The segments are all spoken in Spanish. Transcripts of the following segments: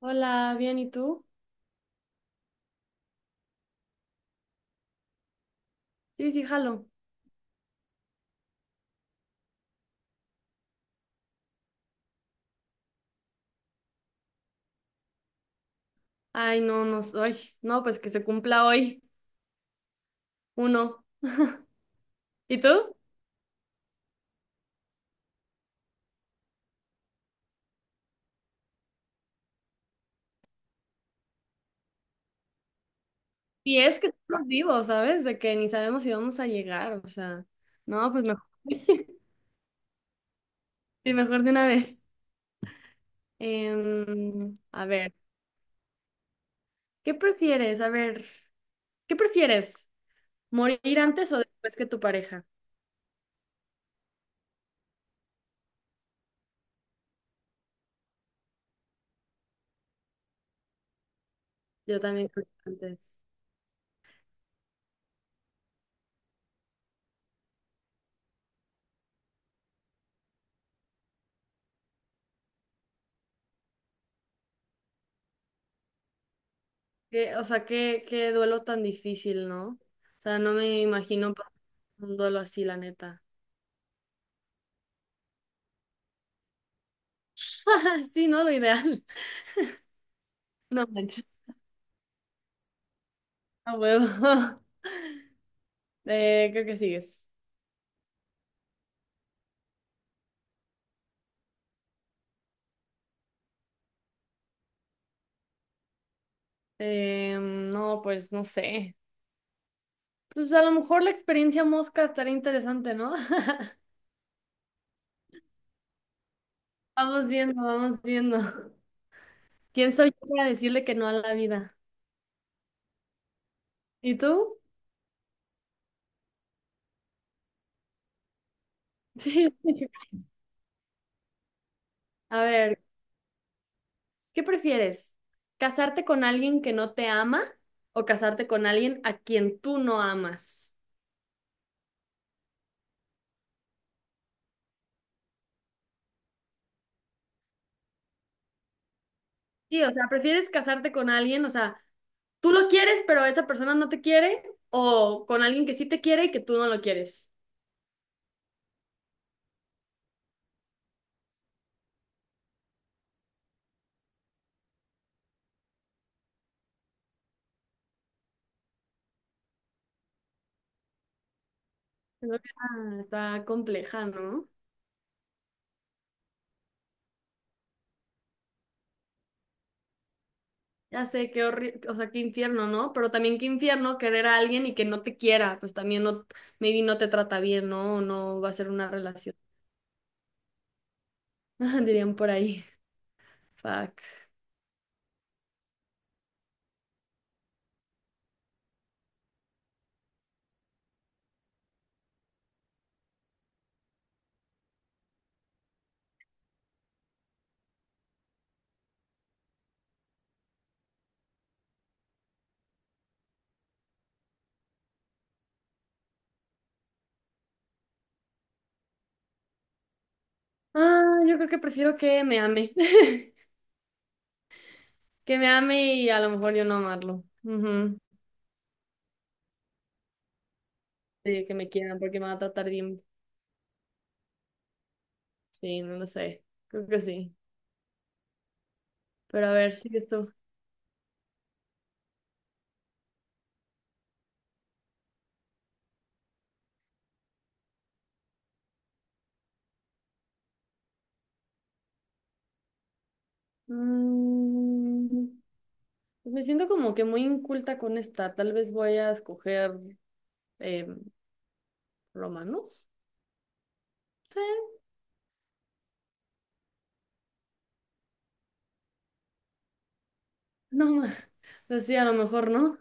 Hola, bien, ¿y tú? Sí, sí, jalo. Ay, no, no, soy. No, pues que se cumpla hoy uno. ¿Y tú? Y es que estamos vivos, ¿sabes? De que ni sabemos si vamos a llegar, o sea, no, pues mejor. Sí, mejor de una vez. A ver, ¿qué prefieres? A ver, ¿qué prefieres? ¿Morir antes o después que tu pareja? Yo también creo que antes. Que, o sea, qué, qué duelo tan difícil, ¿no? O sea, no me imagino pasar un duelo así, la neta. Sí, no, lo ideal. No manches. A huevo. Creo que sigues. No, pues no sé. Pues a lo mejor la experiencia mosca estaría interesante, ¿no? Vamos viendo, vamos viendo. ¿Quién soy yo para decirle que no a la vida? ¿Y tú? A ver, ¿qué prefieres? ¿Casarte con alguien que no te ama o casarte con alguien a quien tú no amas? Sí, o sea, ¿prefieres casarte con alguien? O sea, tú lo quieres, pero esa persona no te quiere, o con alguien que sí te quiere y que tú no lo quieres. Siento que, ah, está compleja, ¿no? Ya sé qué horrible, o sea, qué infierno, ¿no? Pero también qué infierno querer a alguien y que no te quiera, pues también no, maybe no te trata bien, ¿no? O no va a ser una relación, dirían por ahí. Fuck. Ah, yo creo que prefiero que me ame, que me ame y a lo mejor yo no amarlo. Ujú. Sí, que me quieran porque me va a tratar bien. Sí, no lo sé. Creo que sí. Pero a ver, sigues tú. Mm, pues, me siento como que muy inculta con esta. Tal vez voy a escoger em, romanos. Sí, no más. Sí, a lo mejor no.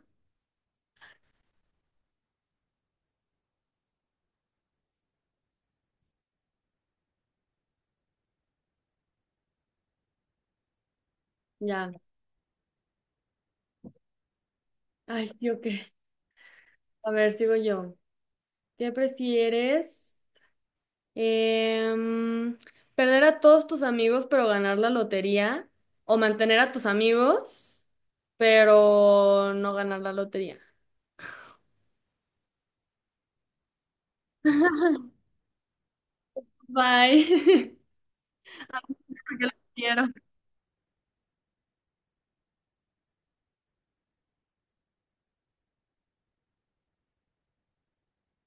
Ya. Ay, sí, ok. A ver, sigo yo. ¿Qué prefieres? Em, ¿Perder a todos tus amigos pero ganar la lotería? ¿O mantener a tus amigos pero no ganar la lotería? Bye. Porque los quiero.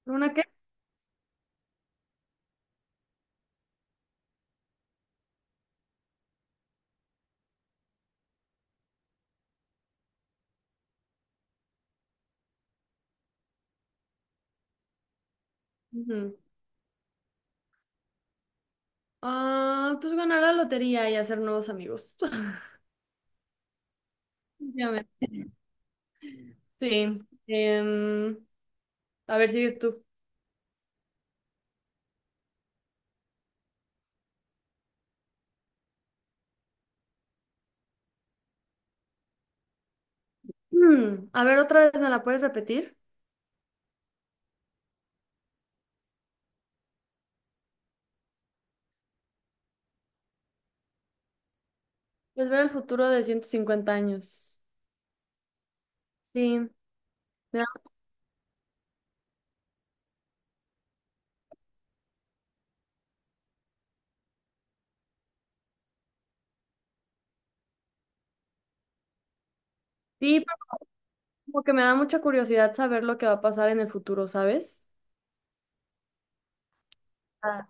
¿Una qué? Ujú. Ah, pues ganar la lotería y hacer nuevos amigos. Definitivamente. Sí. Em, a ver, sigues tú. A ver, otra vez, ¿me la puedes repetir? Pues ver el futuro de 150 años. Sí. me da- Sí, pero como que me da mucha curiosidad saber lo que va a pasar en el futuro, ¿sabes? Ah.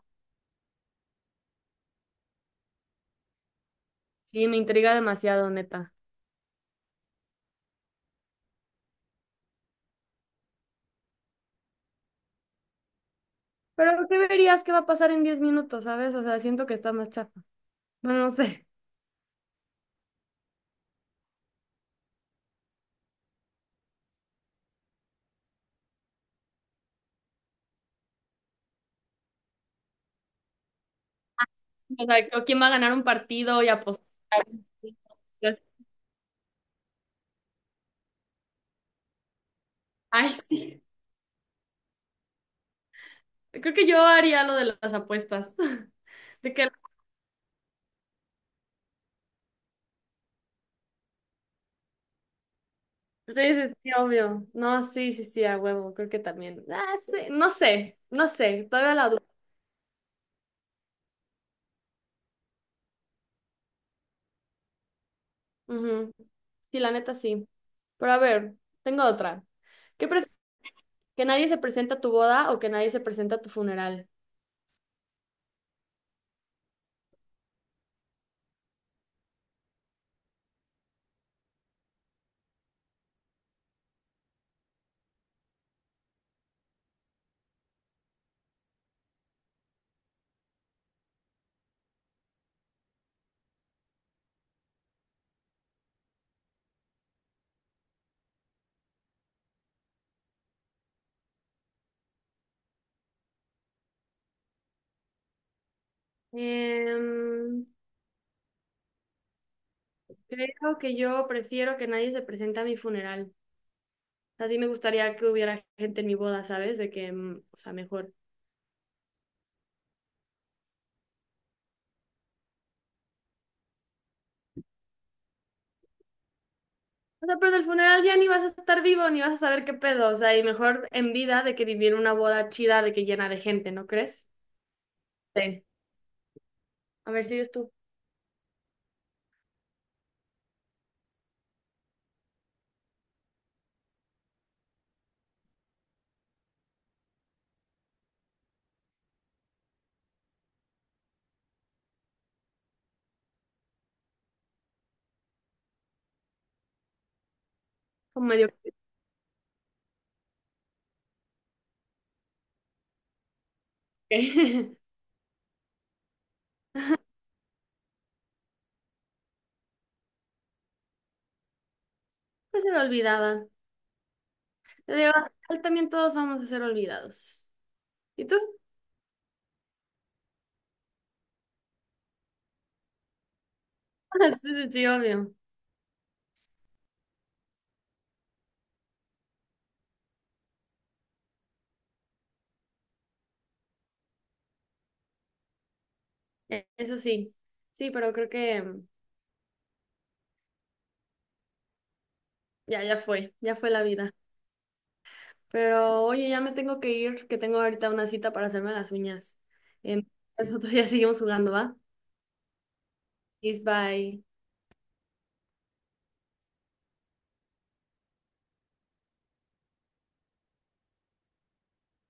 Sí, me intriga demasiado, neta. Pero ¿qué verías que va a pasar en 10 minutos? ¿Sabes? O sea, siento que está más chafa. Bueno, no sé. O sea, ¿o quién va a ganar un partido y apostar? Ay, sí. Creo que yo haría lo de las apuestas. De que sí, sí, sí, obvio. No, sí, sí, sí, a huevo. Creo que también. Ah, sí. No sé, no sé. Todavía la duda. Ujú. Sí, la neta sí. Pero a ver, tengo otra. ¿Qué prefieres? ¿Que nadie se presenta a tu boda o que nadie se presenta a tu funeral? Em, Creo que yo prefiero que nadie se presente a mi funeral. Así me gustaría que hubiera gente en mi boda, ¿sabes? De que, o sea, mejor. O sea, pero en el funeral ya ni vas a estar vivo, ni vas a saber qué pedo. O sea, y mejor en vida de que vivir una boda chida de que llena de gente, ¿no crees? Sí. A ver, sigues tú. Como medio. Pues ser olvidada. Te digo, final también todos vamos a ser olvidados. ¿Y tú? Sí, sí, sí, obvio. Eso sí. Sí, pero creo que ya, ya fue. Ya fue la vida. Pero oye, ya me tengo que ir, que tengo ahorita una cita para hacerme las uñas. Em, Nosotros ya seguimos jugando, ¿va? Peace, bye.